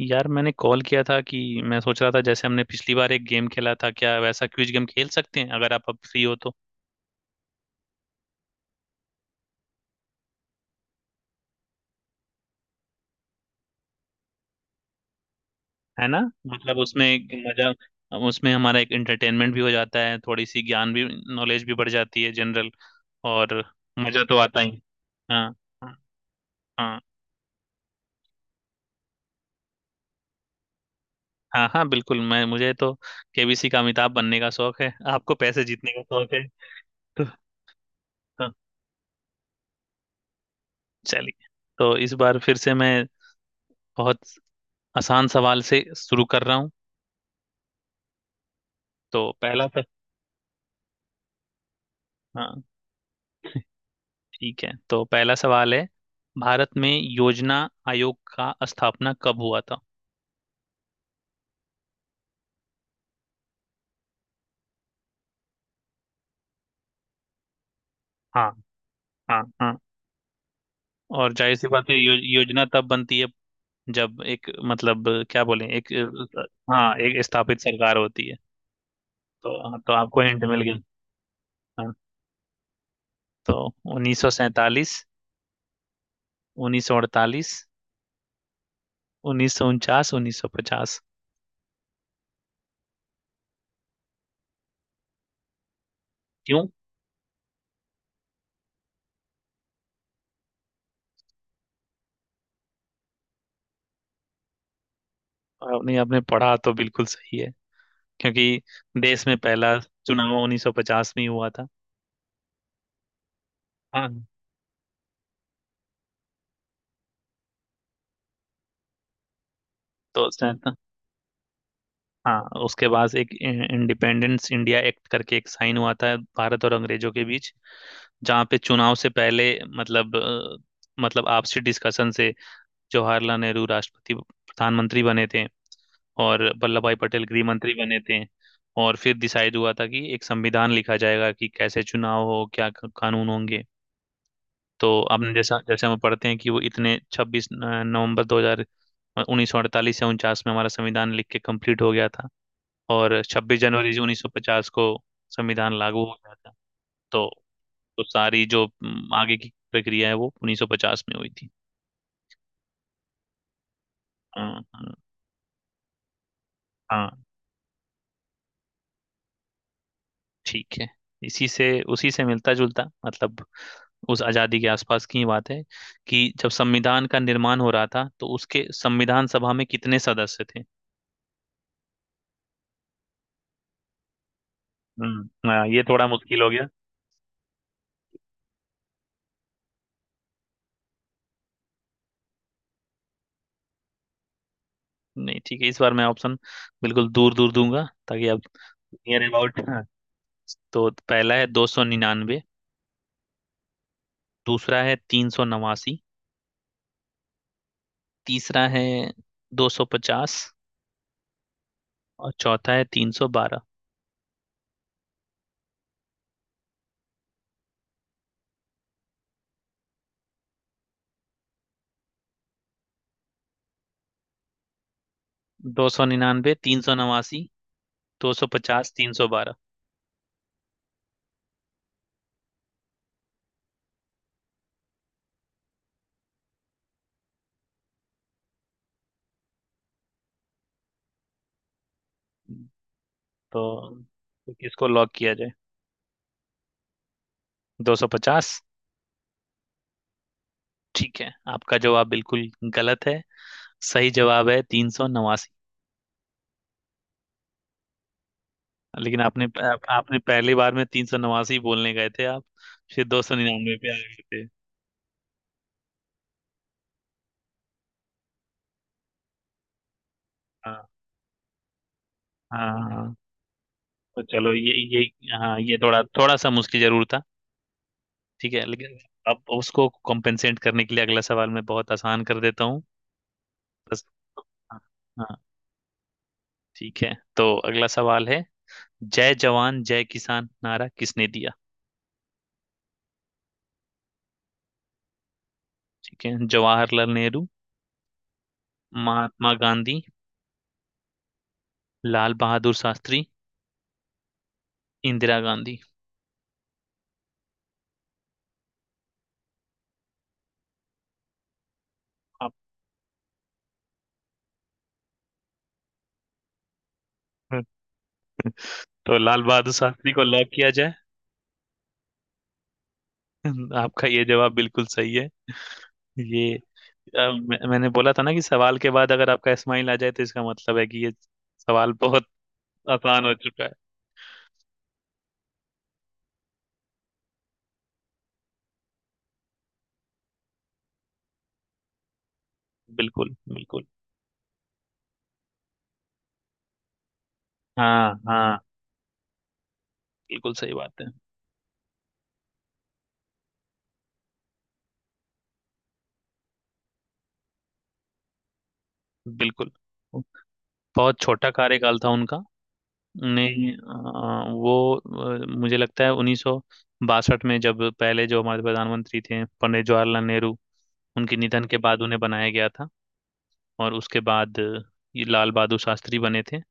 यार मैंने कॉल किया था कि मैं सोच रहा था, जैसे हमने पिछली बार एक गेम खेला था, क्या वैसा क्विज गेम खेल सकते हैं अगर आप अब फ्री हो तो। है ना, मतलब उसमें एक मजा, उसमें हमारा एक एंटरटेनमेंट भी हो जाता है, थोड़ी सी ज्ञान भी, नॉलेज भी बढ़ जाती है जनरल, और मजा तो आता ही। हाँ हाँ। हाँ हाँ बिल्कुल, मैं मुझे तो केबीसी का अमिताभ बनने का शौक है, आपको पैसे जीतने का शौक है तो। हाँ, चलिए। तो इस बार फिर से मैं बहुत आसान सवाल से शुरू कर रहा हूँ। तो पहला सर। हाँ, ठीक है, तो पहला सवाल है, भारत में योजना आयोग का स्थापना कब हुआ था। हाँ हाँ हाँ। और जाहिर सी बात है, योजना तब बनती है जब एक, मतलब क्या बोलें, एक हाँ एक स्थापित सरकार होती है। तो हाँ, तो आपको हिंट मिल गया। हाँ। तो 1947, 1948, 1949, 1950। क्यों? आपने आपने पढ़ा तो बिल्कुल सही है, क्योंकि देश में पहला चुनाव 1950 में ही हुआ था। हाँ। तो सैंता, हाँ उसके बाद एक इंडिपेंडेंस इंडिया एक्ट करके एक साइन हुआ था भारत और अंग्रेजों के बीच, जहाँ पे चुनाव से पहले, मतलब मतलब आपसी डिस्कशन से जवाहरलाल नेहरू राष्ट्रपति प्रधानमंत्री बने थे और वल्लभ भाई पटेल गृह मंत्री बने थे। और फिर डिसाइड हुआ था कि एक संविधान लिखा जाएगा, कि कैसे चुनाव हो, क्या कानून होंगे। तो आपने जैसा, जैसे हम पढ़ते हैं कि वो इतने 26 नवंबर 2000 1948 या उनचास में हमारा संविधान लिख के कंप्लीट हो गया था। और 26 जनवरी 1950 को संविधान लागू हो गया था। तो तो सारी जो आगे की प्रक्रिया है वो 1950 में हुई थी। हाँ हाँ। हाँ, ठीक है। इसी से, उसी से मिलता जुलता, मतलब उस आज़ादी के आसपास की ही बात है, कि जब संविधान का निर्माण हो रहा था तो उसके संविधान सभा में कितने सदस्य थे। हाँ, ये थोड़ा मुश्किल हो गया। नहीं ठीक है, इस बार मैं ऑप्शन बिल्कुल दूर दूर दूंगा ताकि आप नियर अबाउट। हाँ, तो पहला है 299, दूसरा है 389, तीसरा है 250, और चौथा है 312। 299, 389, 250, 312। तो, तो किसको लॉक किया जाए? 250? ठीक है, आपका जवाब बिल्कुल गलत है। सही जवाब है 389। लेकिन आपने, आपने पहली बार में 389 बोलने गए थे आप, फिर 299 पे आ गए थे। हाँ हाँ हाँ। हाँ। तो चलो, ये, हाँ ये थोड़ा थोड़ा सा मुश्किल जरूर था, ठीक है, लेकिन अब उसको कॉम्पेंसेट करने के लिए अगला सवाल मैं बहुत आसान कर देता हूँ। बस। हाँ। हाँ, ठीक है, तो अगला सवाल है, जय जवान जय किसान नारा किसने दिया? ठीक है, जवाहरलाल नेहरू, महात्मा गांधी, लाल बहादुर शास्त्री, इंदिरा गांधी। आप- तो लाल बहादुर शास्त्री को लॉक किया जाए? आपका ये जवाब बिल्कुल सही है। ये मैंने बोला था ना कि सवाल के बाद अगर आपका स्माइल आ जाए तो इसका मतलब है कि ये सवाल बहुत आसान हो चुका है। बिल्कुल बिल्कुल। हाँ हाँ, बिल्कुल सही बात है। बिल्कुल। बहुत छोटा कार्यकाल था उनका ने। अ, वो मुझे लगता है 1962 में, जब पहले जो हमारे प्रधानमंत्री थे पंडित जवाहरलाल नेहरू, उनके निधन के बाद उन्हें बनाया गया था। और उसके बाद ये लाल बहादुर शास्त्री बने थे,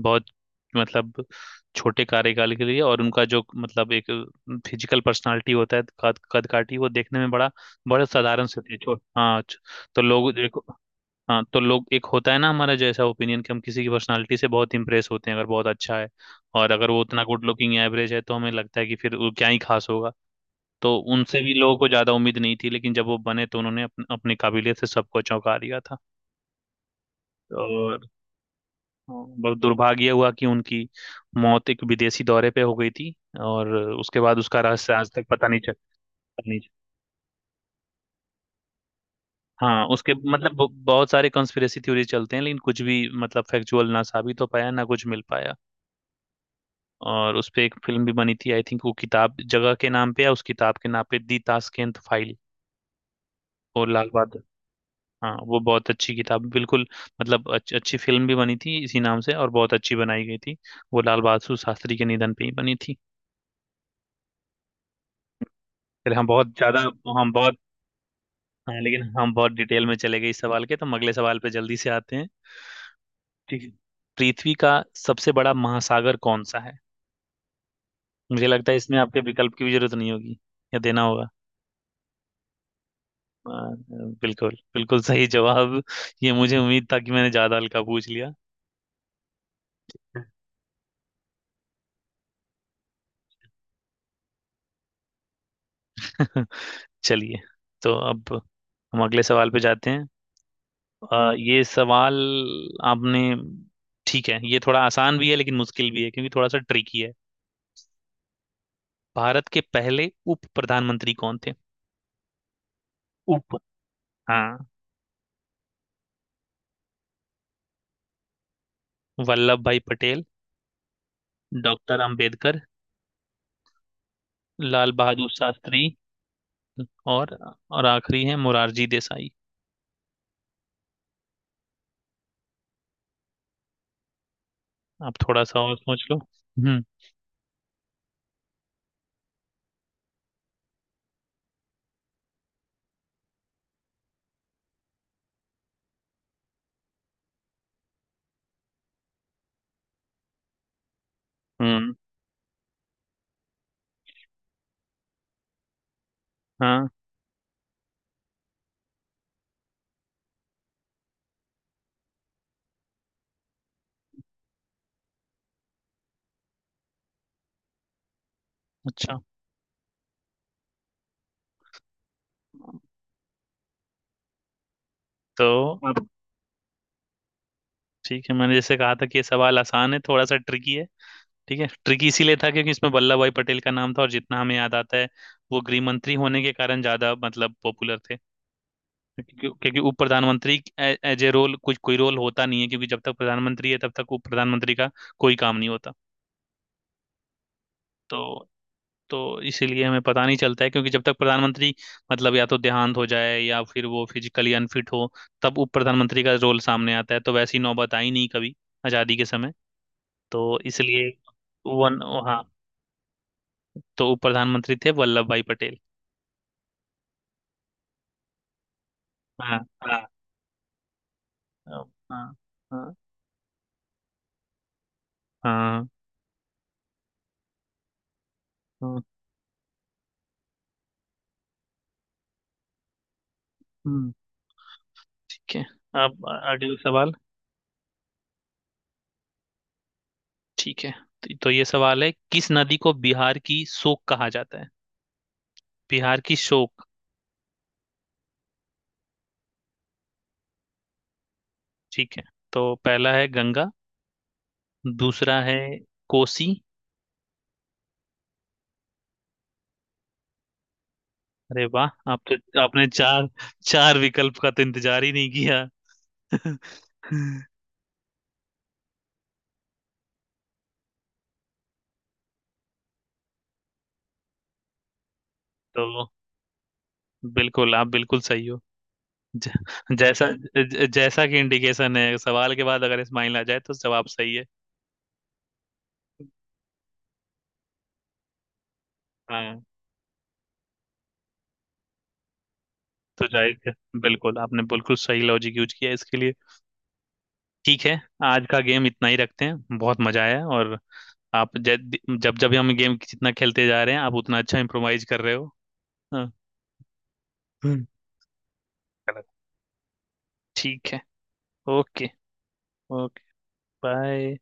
बहुत मतलब छोटे कार्यकाल के लिए। और उनका जो मतलब एक फिजिकल पर्सनालिटी होता है, कद कदकाठी, वो देखने में बड़ा, बड़े साधारण से थे, छो- हाँ छ-। तो लोग देखो, हाँ, तो लोग, एक होता है ना हमारा जैसा ओपिनियन, कि हम किसी की पर्सनालिटी से बहुत इंप्रेस होते हैं अगर बहुत अच्छा है, और अगर वो उतना गुड लुकिंग एवरेज है तो हमें लगता है कि फिर वो क्या ही खास होगा। तो उनसे भी लोगों को ज्यादा उम्मीद नहीं थी, लेकिन जब वो बने तो उन्होंने अपनी काबिलियत से सबको चौंका दिया था। और बस दुर्भाग्य हुआ कि उनकी मौत एक विदेशी दौरे पे हो गई थी, और उसके बाद उसका रहस्य आज तक पता नहीं चल, पता नहीं चल-। हाँ उसके मतलब बहुत सारे कंस्पिरेसी थ्योरी चलते हैं, लेकिन कुछ भी मतलब फैक्चुअल ना साबित हो पाया ना कुछ मिल पाया। और उस पे एक फिल्म भी बनी थी, आई थिंक वो किताब जगह के नाम पे या उस किताब के नाम पे, दी ताशकंद फाइल। और लाल बहादुर। हाँ वो बहुत अच्छी किताब, बिल्कुल मतलब अच्छी अच्छी फिल्म भी बनी थी इसी नाम से, और बहुत अच्छी बनाई गई थी। वो लाल बहादुर शास्त्री के निधन पे ही बनी थी। फिर हम बहुत ज्यादा, हम बहुत, हाँ लेकिन हम बहुत डिटेल में चले गए इस सवाल के, तो हम अगले सवाल पे जल्दी से आते हैं। ठीक है। पृथ्वी का सबसे बड़ा महासागर कौन सा है? मुझे लगता है इसमें आपके विकल्प की भी जरूरत नहीं होगी, या देना होगा? आ, बिल्कुल बिल्कुल सही जवाब। ये मुझे उम्मीद था कि मैंने ज्यादा हल्का पूछ लिया। चलिए। तो अब हम अगले सवाल पे जाते हैं। ये सवाल आपने, ठीक है ये थोड़ा आसान भी है लेकिन मुश्किल भी है क्योंकि थोड़ा सा ट्रिकी है। भारत के पहले उप प्रधानमंत्री कौन थे? उप, हाँ, वल्लभ भाई पटेल, डॉक्टर अंबेडकर, लाल बहादुर शास्त्री, और और आखिरी है मुरारजी देसाई। आप थोड़ा सा और सोच लो। हम्म। हम्म। हाँ। अच्छा। तो अब ठीक है, मैंने जैसे कहा था कि ये सवाल आसान है, थोड़ा सा ट्रिकी है। ठीक है, ट्रिकी इसीलिए था क्योंकि इसमें वल्लभ भाई पटेल का नाम था और जितना हमें याद आता है वो गृह मंत्री होने के कारण ज्यादा मतलब पॉपुलर थे। क्योंकि, उप प्रधानमंत्री एज ए रोल, कुछ कोई रोल होता नहीं है, क्योंकि जब तक प्रधानमंत्री है तब तक उप प्रधानमंत्री का कोई काम नहीं होता। तो तो इसीलिए हमें पता नहीं चलता है, क्योंकि जब तक प्रधानमंत्री, मतलब या तो देहांत हो जाए या फिर वो फिजिकली अनफिट हो, तब उप प्रधानमंत्री का रोल सामने आता है, तो वैसी नौबत आई नहीं कभी आजादी के समय। तो इसलिए, वन, हाँ, तो उप प्रधानमंत्री थे वल्लभ भाई पटेल। हाँ हाँ हाँ हाँ हाँ। हाँ, हाँ, हम्म, ठीक है। अब अगला सवाल। ठीक है, तो ये सवाल है, किस नदी को बिहार की शोक कहा जाता है? बिहार की शोक। ठीक है, तो पहला है गंगा, दूसरा है कोसी। अरे वाह, आप तो आपने चार चार विकल्प का तो इंतजार ही नहीं किया। तो बिल्कुल, आप बिल्कुल सही हो। ज, जैसा कि इंडिकेशन है, सवाल के बाद अगर स्माइल आ जाए तो जवाब सही है। हाँ। तो जाहिर है, बिल्कुल आपने बिल्कुल सही लॉजिक यूज किया इसके लिए। ठीक है, आज का गेम इतना ही रखते हैं, बहुत मजा आया। और आप जब, जब जब हम गेम जितना खेलते जा रहे हैं, आप उतना अच्छा इम्प्रोवाइज कर रहे हो। हाँ। हम्म। चलो, ठीक है। ओके। ओके। बाय।